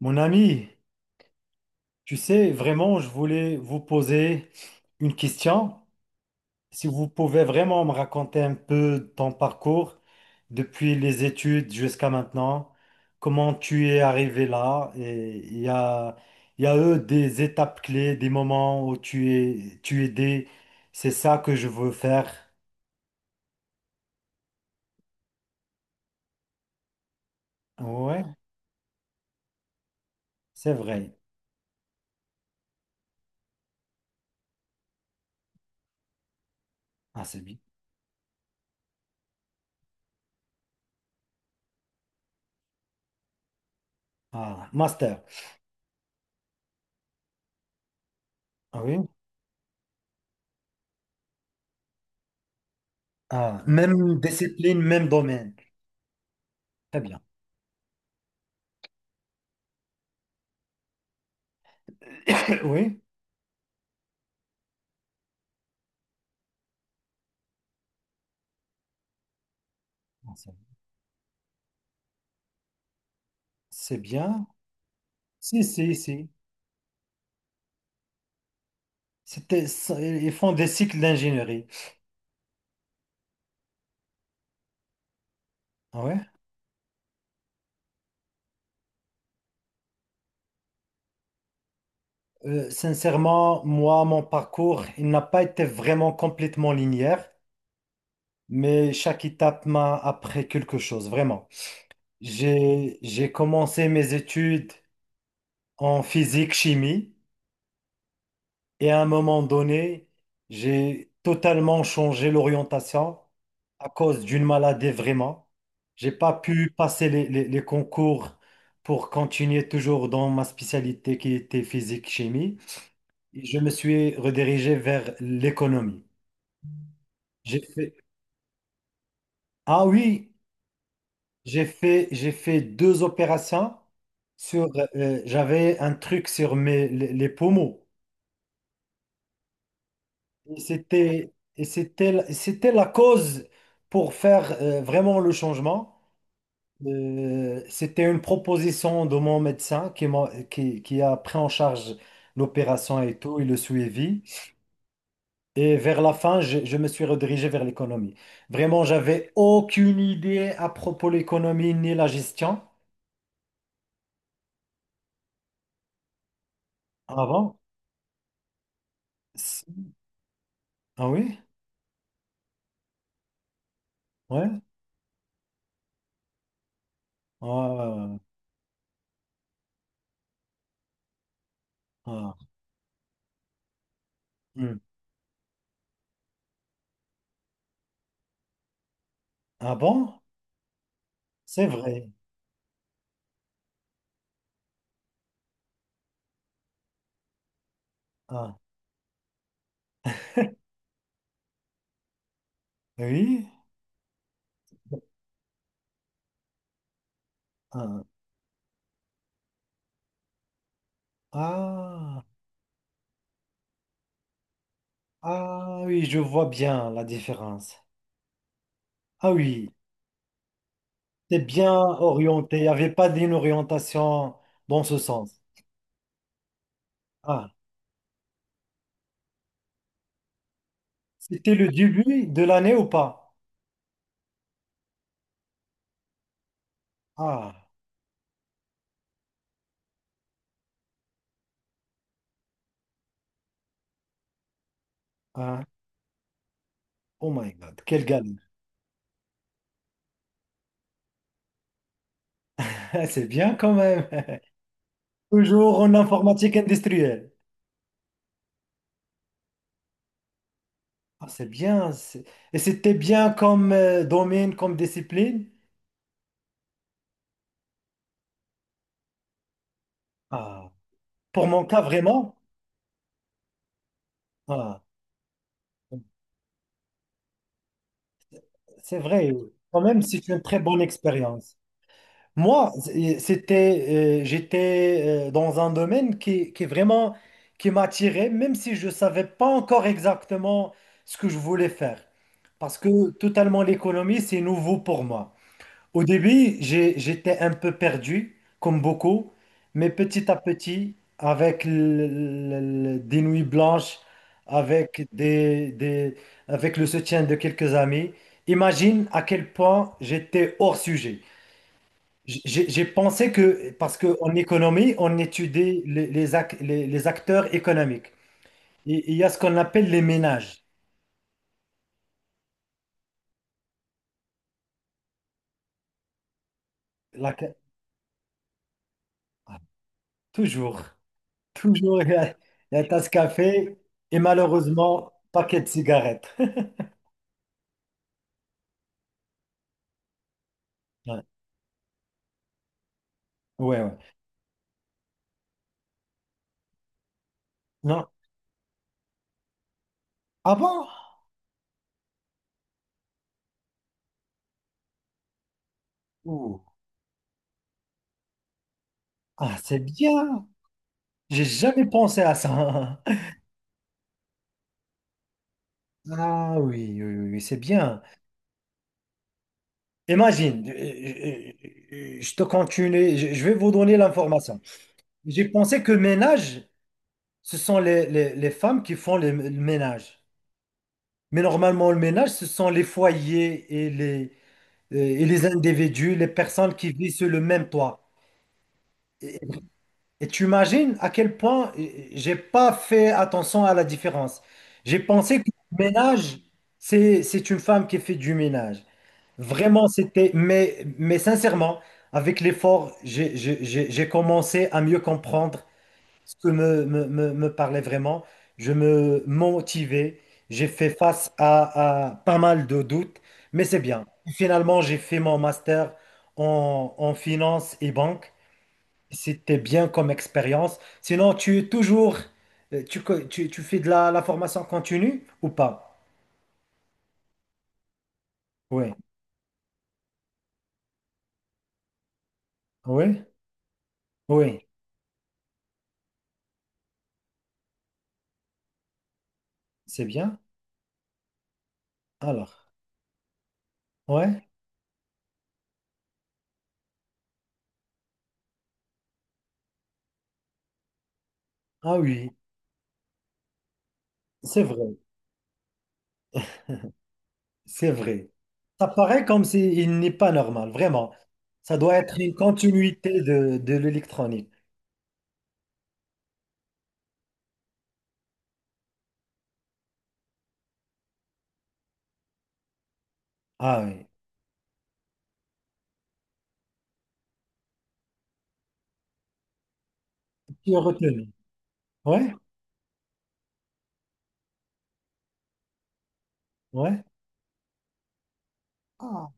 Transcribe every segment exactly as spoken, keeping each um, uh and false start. Mon ami, tu sais, vraiment, je voulais vous poser une question. Si vous pouvez vraiment me raconter un peu ton parcours depuis les études jusqu'à maintenant, comment tu es arrivé là, et il y a, il y a eu des étapes clés, des moments où tu es, tu es aidé. C'est ça que je veux faire. Ouais, c'est vrai. Ah, c'est bien. Ah, master. Ah oui. Ah, même discipline, même domaine. Très bien. Oui. C'est bien. Si, si, si. C'était, ça- ils font des cycles d'ingénierie. Ah ouais? Euh, sincèrement, moi, mon parcours, il n'a pas été vraiment complètement linéaire, mais chaque étape m'a appris quelque chose, vraiment. J'ai, j'ai commencé mes études en physique-chimie. Et à un moment donné, j'ai totalement changé l'orientation à cause d'une maladie vraiment. J'ai pas pu passer les, les- les concours pour continuer toujours dans ma spécialité qui était physique-chimie. Et je me suis redirigé vers l'économie. J'ai fait, ah oui, j'ai fait, j'ai fait deux opérations sur, euh, j'avais un truc sur mes, les les poumons. Et c'était, et c'était, c'était la cause pour faire euh, vraiment le changement. Euh, c'était une proposition de mon médecin qui, m'a- qui, qui a pris en charge l'opération et tout, et le suivi. Et vers la fin, je, je me suis redirigé vers l'économie. Vraiment, j'avais aucune idée à propos de l'économie ni la gestion avant. S- Ah oui? Ouais? Ah, ah, ah. Hmm. Ah bon? C'est vrai. Ah oui? Ah. Ah, ah oui, je vois bien la différence. Ah oui, c'est bien orienté. Il n'y avait pas d'une orientation dans ce sens. Ah, c'était le début de l'année ou pas? Ah, ah, oh my God, quelle galère. C'est bien quand même. Toujours en informatique industrielle. Ah, c'est bien. c'est- Et c'était bien comme euh, domaine, comme discipline. Ah, pour mon cas, vraiment. Ah, c'est vrai. Quand même, c'est une très bonne expérience. Moi, c'est- c'était, euh, j'étais euh, dans un domaine qui, qui vraiment qui m'attirait, même si je ne savais pas encore exactement ce que je voulais faire. Parce que totalement l'économie, c'est nouveau pour moi. Au début, j'ai- j'étais un peu perdu, comme beaucoup, mais petit à petit, avec le- le- le- des nuits blanches, avec des, des- avec le soutien de quelques amis, imagine à quel point j'étais hors sujet. J'ai j'ai pensé que, parce qu'en économie, on étudie les, les, ac- les- les acteurs économiques. Et il y a ce qu'on appelle les ménages. La Ah, toujours, toujours, il y a, il y a tasse café et malheureusement, paquet de cigarettes. Ouais, ouais, ouais. Non. Ah bon? Ouh. Ah, c'est bien. J'ai jamais pensé à ça. Ah oui, oui, oui, oui, c'est bien. Imagine, euh, euh, euh, je te continue, je je vais vous donner l'information. J'ai pensé que ménage, ce sont les, les- les femmes qui font le, le ménage. Mais normalement, le ménage, ce sont les foyers et les, euh, et les individus, les personnes qui vivent sur le même toit. Et, et tu imagines à quel point euh, j'ai pas fait attention à la différence. J'ai pensé que le ménage, c'est, c'est une femme qui fait du ménage. Vraiment, c'était... Mais, mais sincèrement, avec l'effort, j'ai j'ai- j'ai- j'ai commencé à mieux comprendre ce que me, me, me, me parlait vraiment. Je me motivais. J'ai fait face à, à pas mal de doutes, mais c'est bien. Finalement, j'ai fait mon master en, en finance et banque. C'était bien comme expérience. Sinon, tu es toujours, euh, tu, co- tu, tu fais de la, la formation continue ou pas? Oui, oui, oui, c'est bien. Alors, ouais, ah oui, c'est vrai. C'est vrai. Ça paraît comme s'il n'est pas normal, vraiment. Ça doit être une continuité de, de l'électronique. Ah oui. Tu as retenu. Ouais, ouais. Ah,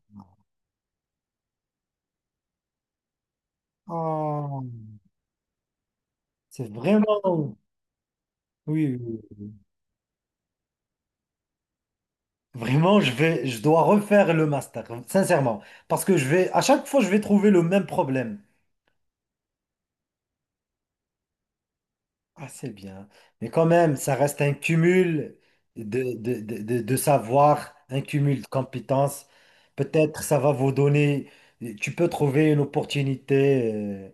ah. C'est vraiment. Oui, oui, oui. Vraiment, je vais, je dois refaire le master, sincèrement. Parce que je vais, à chaque fois, je vais trouver le même problème. Ah, c'est bien. Mais quand même, ça reste un cumul de, de, de, de- de savoir, un cumul de compétences. Peut-être ça va vous donner, tu peux trouver une opportunité euh,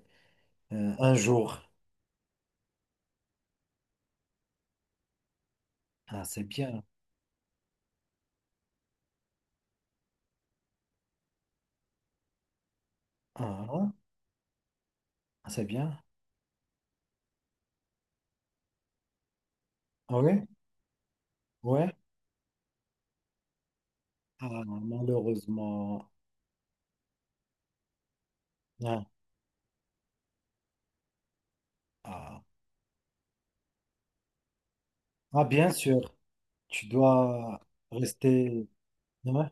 euh, un jour. Ah, c'est bien. Ah, ah, c'est bien. Ah oui? Ouais. Ah, malheureusement. Ah, ah. Ah, bien sûr, tu dois rester. Ouais.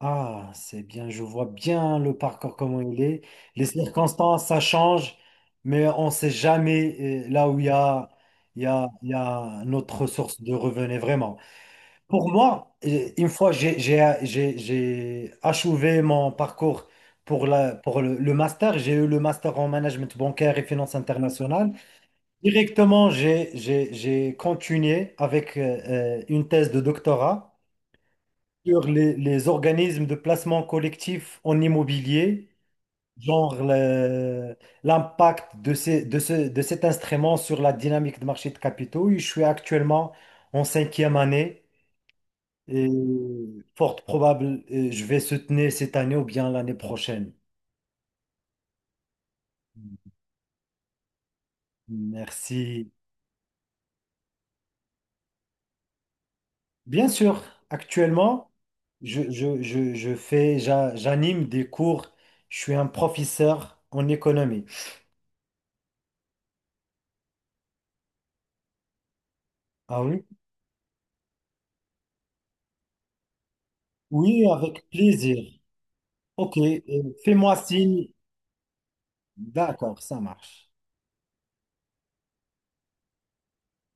Ah, c'est bien, je vois bien le parcours comment il est. Les circonstances, ça change, mais on ne sait jamais euh, là où il y a, il y a, il y a notre source de revenus, vraiment. Pour moi, euh, une fois j'ai j'ai- j'ai- j'ai achevé mon parcours pour, la, pour le, le master, j'ai eu le master en management bancaire et finances internationales. Directement, j'ai j'ai- j'ai continué avec euh, euh, une thèse de doctorat sur les, les organismes de placement collectif en immobilier, genre le- l'impact de, ces- de, ce- de cet instrument sur la dynamique de marché de capitaux. Je suis actuellement en cinquième année et fort probable, euh, je vais soutenir cette année ou bien l'année prochaine. Merci. Bien sûr, actuellement, je, je, je, je fais, j'a- j'anime des cours. Je suis un professeur en économie. Ah oui? Oui, avec plaisir. Ok, euh, fais-moi signe. D'accord, ça marche.